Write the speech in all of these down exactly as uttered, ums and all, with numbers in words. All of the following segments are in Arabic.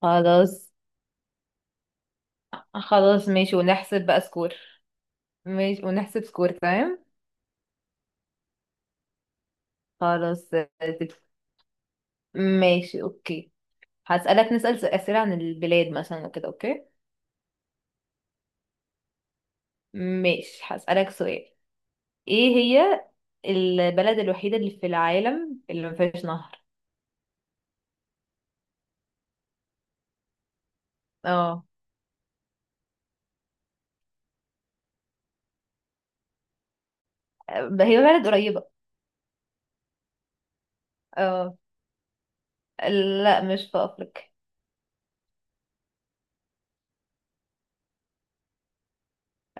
خلاص. خلاص ماشي، ونحسب بقى سكور. ماشي ونحسب سكور تمام. خلاص آه، تت- ماشي اوكي. هسألك نسأل س- أسئلة عن البلاد مثلا كده، اوكي؟ ماشي، هسألك سؤال. ايه هي البلد الوحيدة اللي في العالم اللي ما فيهاش نهر؟ اه. ب- هي بلد قريبة. اه. لا، مش في أفريقيا.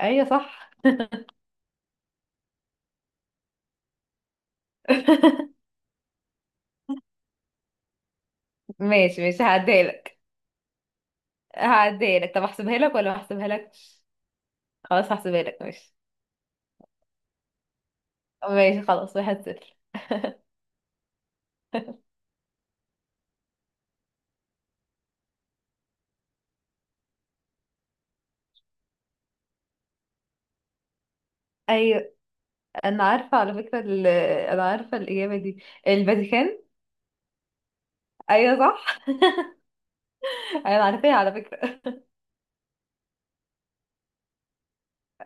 ايوه صح. ماشي ماشي، هعديها لك. هعديها لك، طب احسبها لك ولا ما احسبها لك؟ خلاص هحسبها لك ماشي. ماشي خلاص، واحد صفر. ايوه، انا عارفه على فكره ال... انا عارفه الاجابه دي، الفاتيكان. ايوه صح. انا عارفاها على فكره.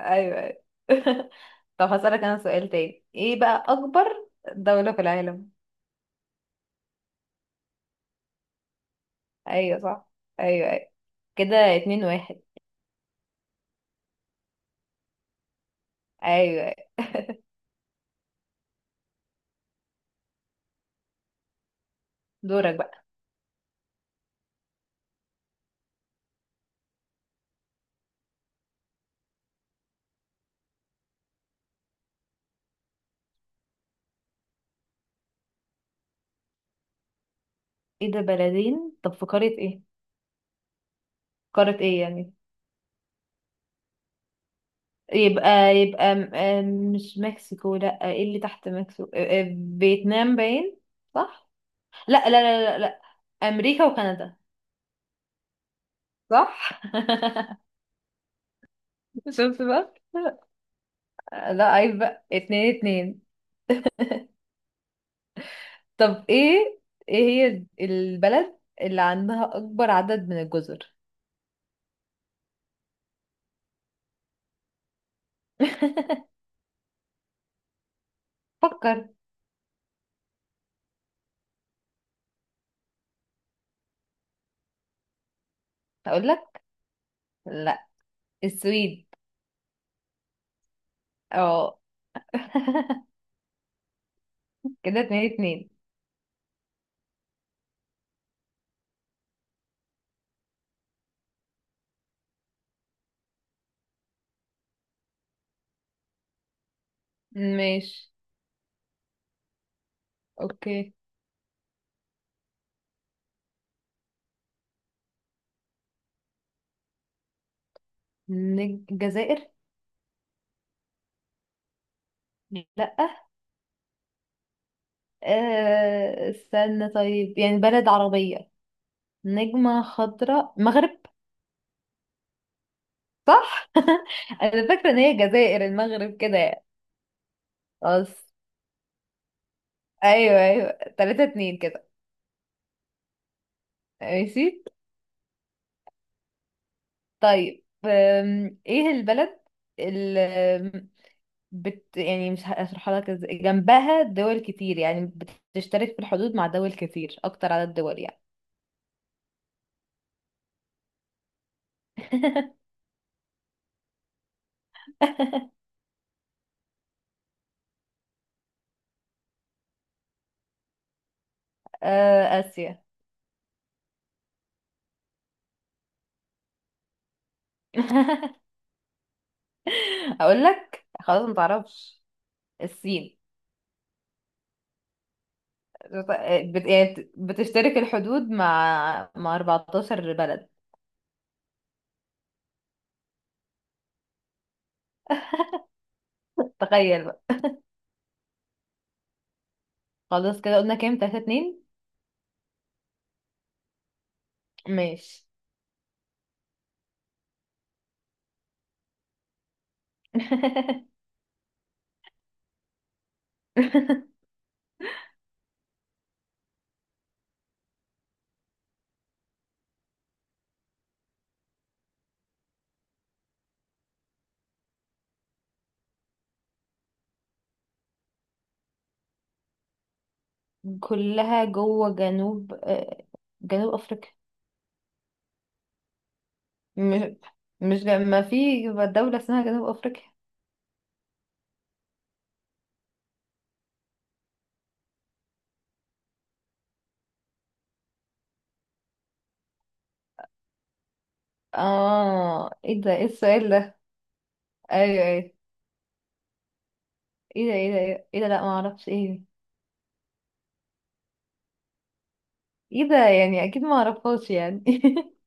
ايوه ايوه. طب هسألك انا سؤال تاني، ايه بقى اكبر دولة في العالم؟ ايوه صح. ايوه ايوه. كده اتنين واحد. ايوه أيوة. دورك بقى. ايه ده، بلدين؟ طب في قارة ايه؟ قارة ايه يعني؟ يبقى، يبقى م- آه، مش مكسيكو؟ لا، ايه اللي تحت مكسيكو، آه، آه، فيتنام باين. صح؟ لا لا لا لا, لا. امريكا وكندا. صح. شفت بقى؟ لا عيب بقى، اتنين اتنين. طب ايه، ايه هي البلد اللي عندها اكبر عدد من الجزر؟ فكر. اقول لك؟ لا، السويد. اه. كده اتنين اتنين. ماشي. اوكي. نج- الجزائر؟ لا. آه استنى، طيب يعني بلد عربية، نجمة خضراء، مغرب. صح. انا فاكره ان هي الجزائر المغرب كده يعني. خلاص. ايوه ايوه. تلاتة اتنين كده. ماشي. طيب أم، ايه البلد اللي بت يعني مش هشرحها لك ازاي، جنبها دول كتير يعني، بتشترك في الحدود مع دول كتير، اكتر عدد دول يعني. آه، اسيا. اقول لك، خلاص ما تعرفش؟ الصين. بت... يعني بتشترك الحدود مع مع أربعة عشر بلد. تخيل. خلاص كده، قلنا كام؟ تلاتة اتنين. ماشي. كلها جوه جنوب آه، جنوب افريقيا؟ مش مش ما في دولة اسمها جنوب افريقيا؟ اه، ايه ده، ايه السؤال ده؟ ايوه ايوه. ايه ده، ايه ده، ايه ده, إيه ده؟ لا ما اعرفش ايه دي. ايه ده، يعني اكيد ما اعرفهاش يعني.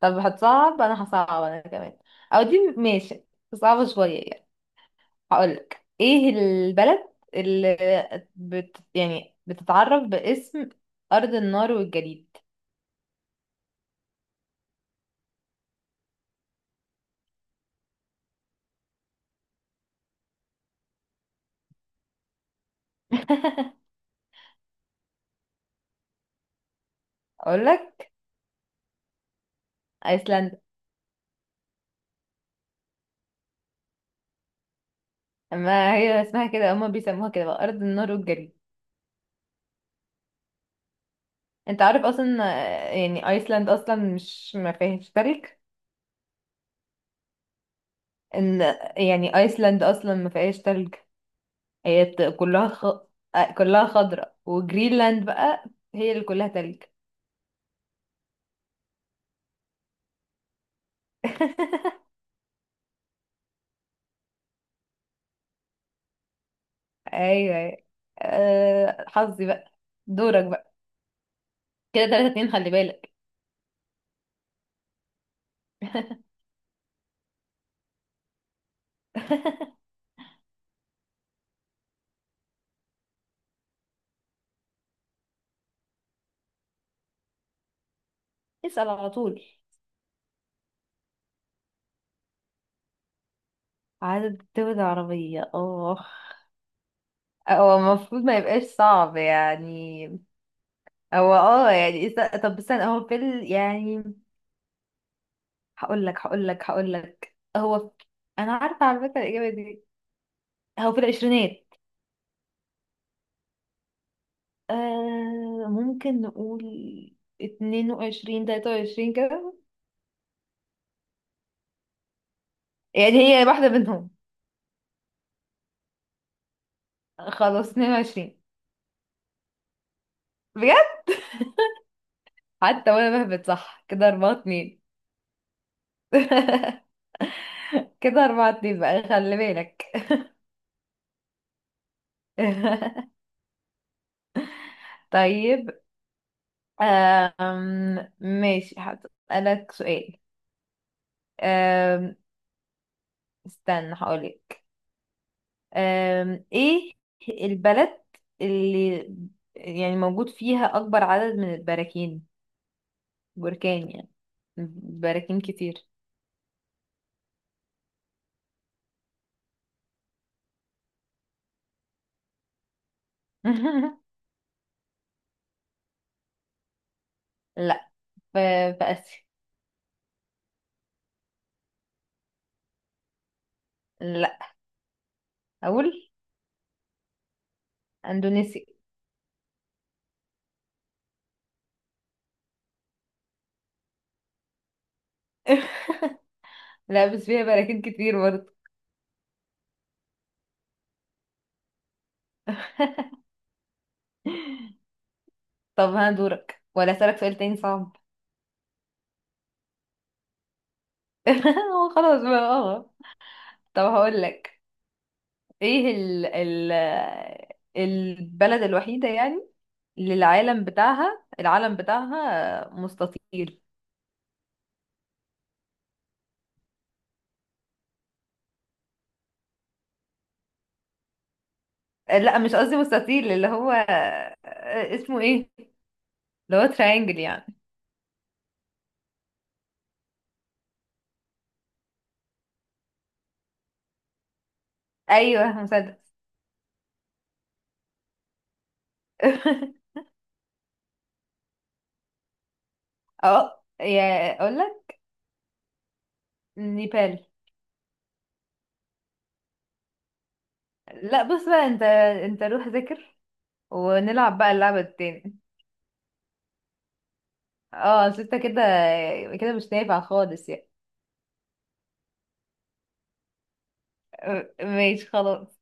طب هتصعب، انا هصعب انا كمان. او دي ماشي، صعبة شوية يعني. هقولك ايه البلد اللي بت يعني بتتعرف باسم أرض النار والجليد؟ أقولك؟ أيسلندا. ما هي اسمها كده، هما بيسموها كده بقى أرض النار والجليد. انت عارف أصلا آه، يعني أيسلند أصلا مش، ما فيهاش تلج. ان يعني أيسلند أصلا ما فيهاش تلج. هي ت- كلها خ... آه، كلها خضراء، وجرينلاند بقى هي اللي كلها تلج. أيوه أيوه. أه... حظي بقى. دورك. كده تلاتة اتنين، خلي بالك. اسأل على طول. عدد دول العربية؟ اه. هو المفروض ما يبقاش صعب يعني. هو اه يعني است- طب استنى، هو في ال... يعني هقول لك هقول لك هقول لك، هو في... انا عارفة على فكرة الإجابة دي. هو في العشرينات. آه ممكن نقول اتنين وعشرين، تلاتة وعشرين كده، يعني هي واحدة منهم. خلاص، اتنين وعشرين. بجد؟ حتى وانا بهبت صح، كده أربعة اتنين. كده أربعة اتنين بقى، خلي بالك. طيب أم... ماشي، هسألك سؤال. أم... استنى هقولك. أم... ايه البلد اللي يعني موجود فيها أكبر عدد من البراكين؟ بركان يعني، براكين كتير. لا، في، في آسيا. لا. أقول؟ أندونيسيا. لا بس فيها براكين كتير برضه. طب ها، دورك ولا أسألك سؤال تاني صعب؟ هو خلاص بقى اه. طب هقول لك، ايه ال ال البلد الوحيدة يعني اللي العالم بتاعها العالم بتاعها مستطيل؟ لا مش قصدي مستطيل، اللي هو آه، اسمه ايه، اللي هو تراينجل يعني. ايوه، مسدس. اه يا اقول لك. نيبال. لا بص بقى، انت، انت روح ذاكر، ونلعب بقى اللعبة التاني. اه أصل انت كده كده مش نافع خالص يعني. آه، ماشي خلاص.